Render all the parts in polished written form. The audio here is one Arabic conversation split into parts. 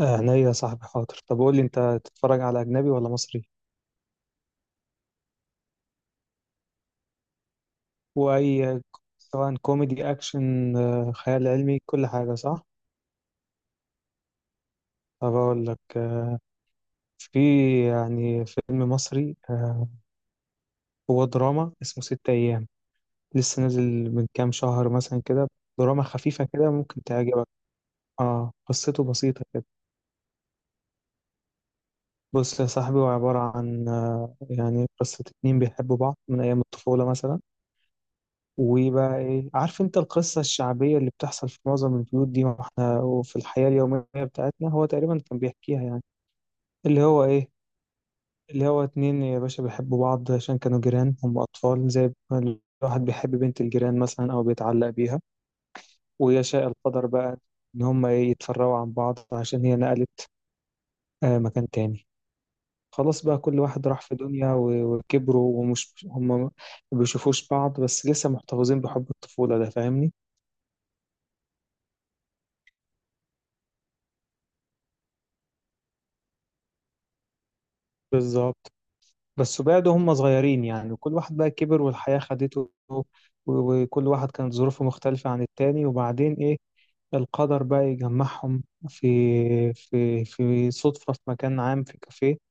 هنا يا صاحبي، حاضر. طب قول لي انت تتفرج على اجنبي ولا مصري واي. سواء كوميدي اكشن خيال علمي كل حاجه، صح؟ طب اقول لك، في يعني فيلم مصري هو دراما اسمه ست ايام، لسه نازل من كام شهر مثلا كده. دراما خفيفه كده ممكن تعجبك. اه قصته بسيطه كده. بص يا صاحبي هو عباره عن يعني قصه اتنين بيحبوا بعض من ايام الطفوله مثلا. وبقى ايه، عارف انت القصة الشعبية اللي بتحصل في معظم البيوت دي، واحنا وفي الحياة اليومية بتاعتنا هو تقريبا كان بيحكيها يعني. اللي هو ايه، اللي هو اتنين يا باشا بيحبوا بعض عشان كانوا جيران، هم أطفال زي ما الواحد بيحب بنت الجيران مثلا أو بيتعلق بيها. ويشاء القدر بقى إن هم إيه، يتفرقوا عن بعض عشان هي نقلت مكان تاني. خلاص بقى كل واحد راح في دنيا وكبروا ومش هم ما بيشوفوش بعض، بس لسه محتفظين بحب الطفولة ده، فاهمني؟ بالظبط. بس بعدوا هم صغيرين يعني، وكل واحد بقى كبر والحياة خدته وكل واحد كانت ظروفه مختلفة عن التاني، وبعدين إيه، القدر بقى يجمعهم في في صدفة في مكان عام في كافيه.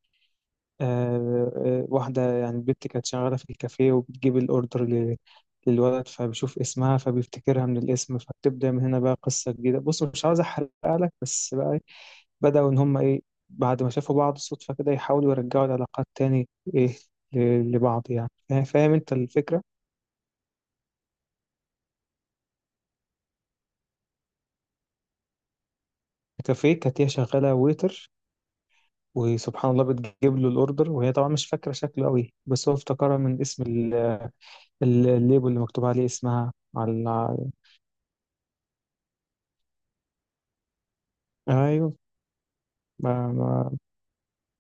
آه واحدة يعني البت كانت شغالة في الكافيه وبتجيب الأوردر للولد، فبيشوف اسمها فبيفتكرها من الاسم، فبتبدأ من هنا بقى قصة جديدة. بص مش عاوز أحرقها لك، بس بقى بدأوا إن هم إيه، بعد ما شافوا بعض صدفة كده يحاولوا يرجعوا العلاقات تاني، إيه لبعض يعني. فاهم أنت الفكرة؟ كافيه كانت هي شغالة ويتر، وسبحان الله بتجيب له الأوردر، وهي طبعا مش فاكرة شكله أوي، بس هو افتكرها من اسم الليبل اللي مكتوب عليه اسمها على. أيوه. ما ما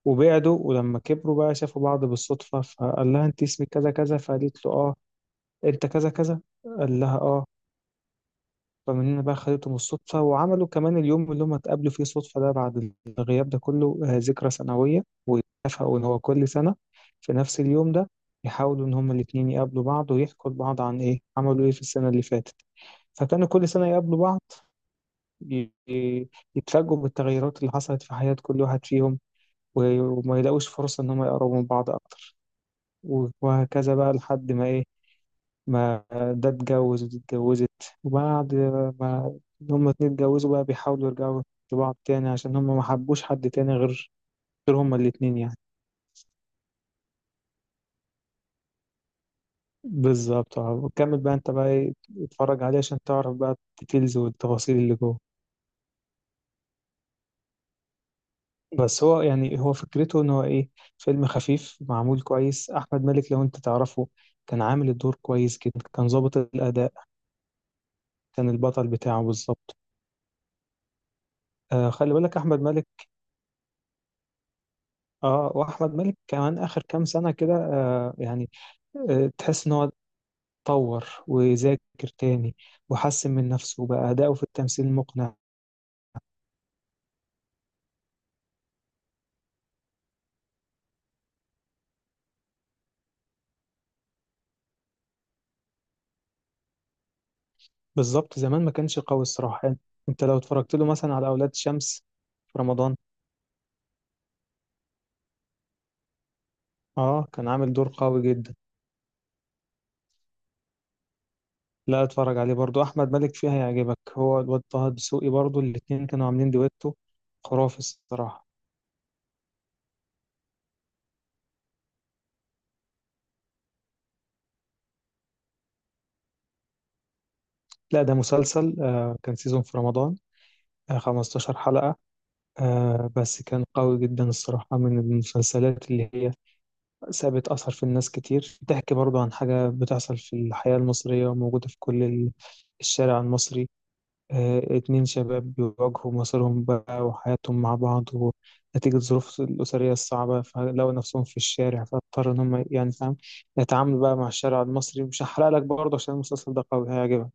وبعدوا ولما كبروا بقى شافوا بعض بالصدفة، فقال لها أنت اسمك كذا كذا، فقالت له أه، أنت كذا كذا، قال لها أه. فمن هنا بقى خدتهم الصدفة، وعملوا كمان اليوم اللي هم اتقابلوا فيه صدفة ده بعد الغياب ده كله ذكرى سنوية، واتفقوا إن هو كل سنة في نفس اليوم ده يحاولوا إن هما الاتنين يقابلوا بعض ويحكوا لبعض عن إيه عملوا إيه في السنة اللي فاتت. فكانوا كل سنة يقابلوا بعض، ي- ي- يتفاجئوا بالتغيرات اللي حصلت في حياة كل واحد فيهم، وما يلاقوش فرصة إن هما يقربوا من بعض أكتر، وهكذا بقى لحد ما إيه، ما ده اتجوز ودي اتجوزت. وبعد ما هما اتنين اتجوزوا بقى بيحاولوا يرجعوا لبعض تاني، عشان هما ما حبوش حد تاني غير غير هما الاتنين يعني. بالظبط. اه وكمل بقى انت بقى ايه، اتفرج عليه عشان تعرف بقى الديتيلز والتفاصيل اللي جوه. بس هو يعني هو فكرته ان هو ايه، فيلم خفيف معمول كويس. احمد مالك لو انت تعرفه كان عامل الدور كويس جدا، كان ظابط الاداء، كان البطل بتاعه بالظبط. آه خلي بالك، احمد مالك. اه واحمد مالك كمان اخر كام سنه كده آه يعني آه، تحس ان هو اتطور وذاكر تاني، وحسن من نفسه بقى، اداؤه في التمثيل مقنع. بالظبط، زمان ما كانش قوي الصراحه يعني. انت لو اتفرجت له مثلا على اولاد شمس في رمضان، اه كان عامل دور قوي جدا. لا اتفرج عليه برضو، احمد مالك فيها هيعجبك. هو الواد طه دسوقي برضو الاتنين كانوا عاملين دويتو خرافي الصراحه. لا ده مسلسل، آه كان سيزون في رمضان، آه 15 حلقه، آه بس كان قوي جدا الصراحة، من المسلسلات اللي هي سابت أثر في الناس كتير، بتحكي برضو عن حاجة بتحصل في الحياة المصرية وموجودة في كل الشارع المصري. آه اتنين شباب بيواجهوا مصيرهم بقى وحياتهم مع بعض، ونتيجة ظروف الأسرية الصعبة فلقوا نفسهم في الشارع، فاضطروا إن هم يعني، فاهم، يتعاملوا بقى مع الشارع المصري. مش هحرق لك برضه عشان المسلسل ده قوي هيعجبك.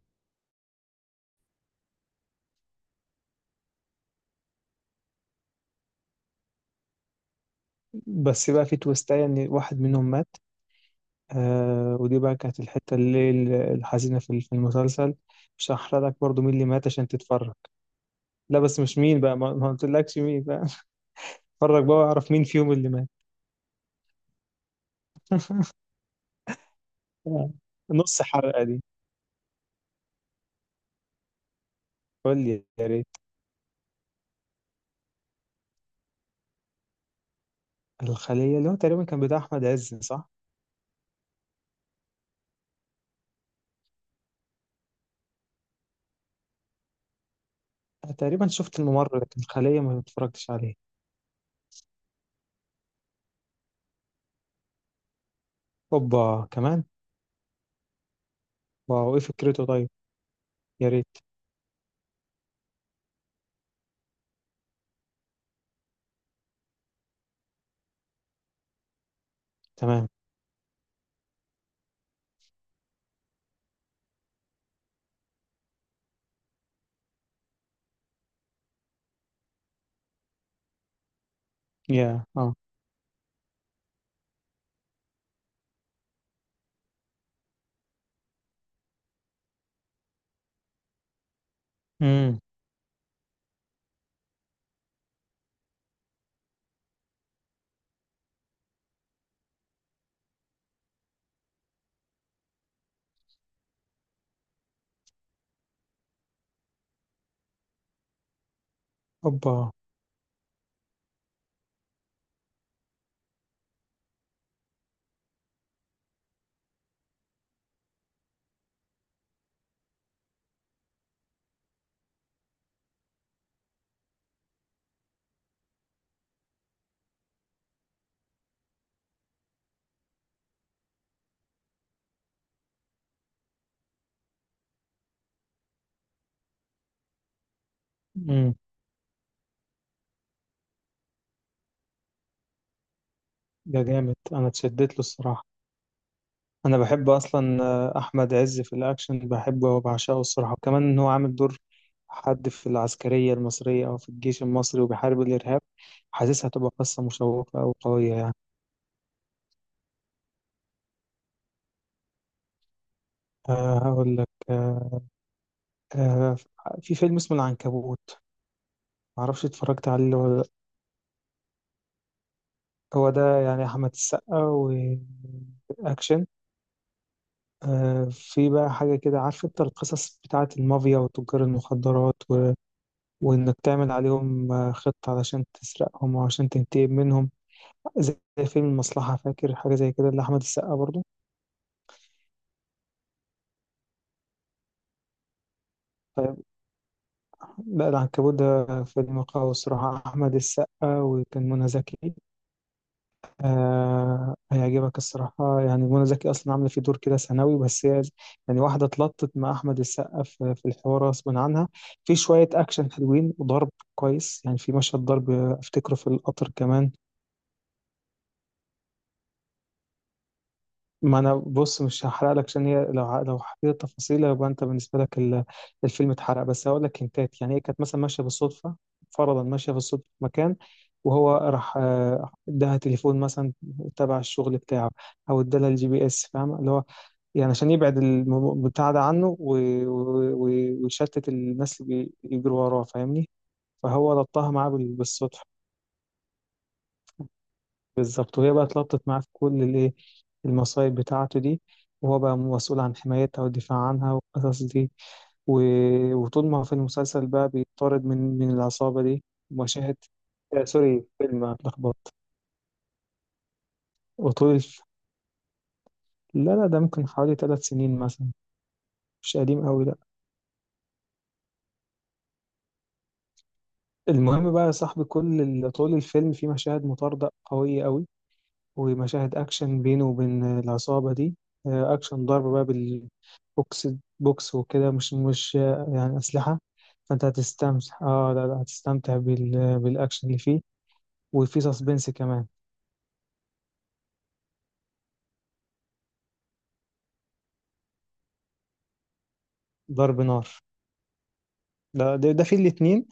بس بقى في تويستاية إن واحد منهم مات. آه ودي بقى كانت الحتة اللي الحزينة في المسلسل. مش هحرق لك برضو مين اللي مات، عشان تتفرج. لا بس مش مين بقى، ما ما قلتلكش مين بقى اتفرج بقى واعرف مين فيهم اللي مات. آه. نص حلقة دي. قول لي يا ريت. الخلية، اللي هو تقريبا كان بتاع أحمد عز، صح؟ أنا تقريبا شفت الممر، لكن الخلية ما اتفرجتش عليه. أوبا كمان. واو إيه فكرته طيب؟ يا ريت. تمام. يا اه. امم. أوبا. امم. ده جامد، أنا اتشدت له الصراحة. انا بحب اصلا، احمد عز في الاكشن بحبه وبعشقه الصراحه، وكمان ان هو عامل دور حد في العسكريه المصريه او في الجيش المصري وبيحارب الارهاب، حاسسها هتبقى قصه مشوقه وقويه يعني. أه هقول لك أه، أه، في فيلم اسمه العنكبوت، معرفش اتفرجت عليه ولا لأ. هو ده يعني احمد السقا واكشن. أه في بقى حاجه كده، عارف انت القصص بتاعه المافيا وتجار المخدرات، وإنك تعمل عليهم خطة علشان تسرقهم وعشان تنتقم منهم، زي فيلم المصلحة، فاكر حاجة زي كده لأحمد السقا برضو. طيب. لا العنكبوت ده فيلم قوي الصراحة، أحمد السقا وكان منى زكي. آه هيعجبك الصراحة، يعني منى زكي أصلا عاملة فيه دور كده ثانوي، بس هي يعني واحدة اتلطت مع أحمد السقا في الحوار غصب عنها. في شوية أكشن حلوين وضرب كويس، يعني في مشهد ضرب أفتكره في القطر كمان. ما انا بص مش هحرق لك، عشان هي لو لو حكيت التفاصيل يبقى انت بالنسبه لك الفيلم اتحرق. بس هقول لك هنتات، يعني هي كانت مثلا ماشيه بالصدفه، فرضا ماشيه بالصدفه في مكان، وهو راح اداها تليفون مثلا تبع الشغل بتاعه، او ادالها الجي بي اس، فاهم، اللي هو يعني عشان يبعد بتاع ده عنه ويشتت الناس اللي بيجروا وراه، فاهمني؟ فهو ربطها معاه بالصدفه. بالظبط وهي بقى اتلطت معاه في كل الايه، المصايب بتاعته دي، وهو بقى مسؤول عن حمايتها والدفاع عنها والقصص دي، و... وطول ما هو في المسلسل بقى بيطارد من العصابة دي. مشاهد، آه سوري فيلم، اتلخبطت. وطول الف، لا لا ده ممكن حوالي ثلاث سنين مثلا. مش قديم قوي، لا. المهم بقى يا صاحبي كل ال، طول الفيلم في مشاهد مطاردة قوية قوي ومشاهد أكشن بينه وبين العصابة دي، أكشن ضرب بقى بالبوكس، بوكس وكده، مش يعني أسلحة. فأنت هتستمتع آه لا لا، هتستمتع بال، بالأكشن اللي فيه، وفي سسبنس كمان. ضرب نار، ده في الاتنين،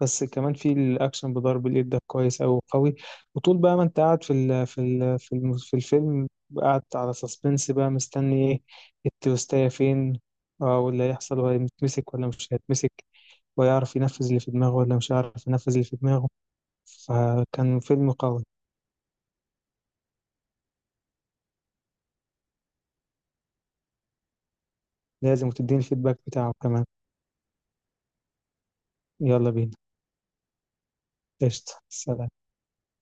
بس كمان في الأكشن بضرب اليد ده كويس أوي قوي. وطول بقى ما أنت قاعد في ال، في ال، الم، في الفيلم، قاعد على سسبنس بقى، مستني إيه، التوستاية فين. آه واللي هيحصل، وهيتمسك ولا مش هيتمسك، ويعرف ينفذ اللي في دماغه ولا مش عارف ينفذ اللي في دماغه. فكان فيلم قوي. لازم تديني الفيدباك بتاعه كمان. يلا بينا. قشطة سلام.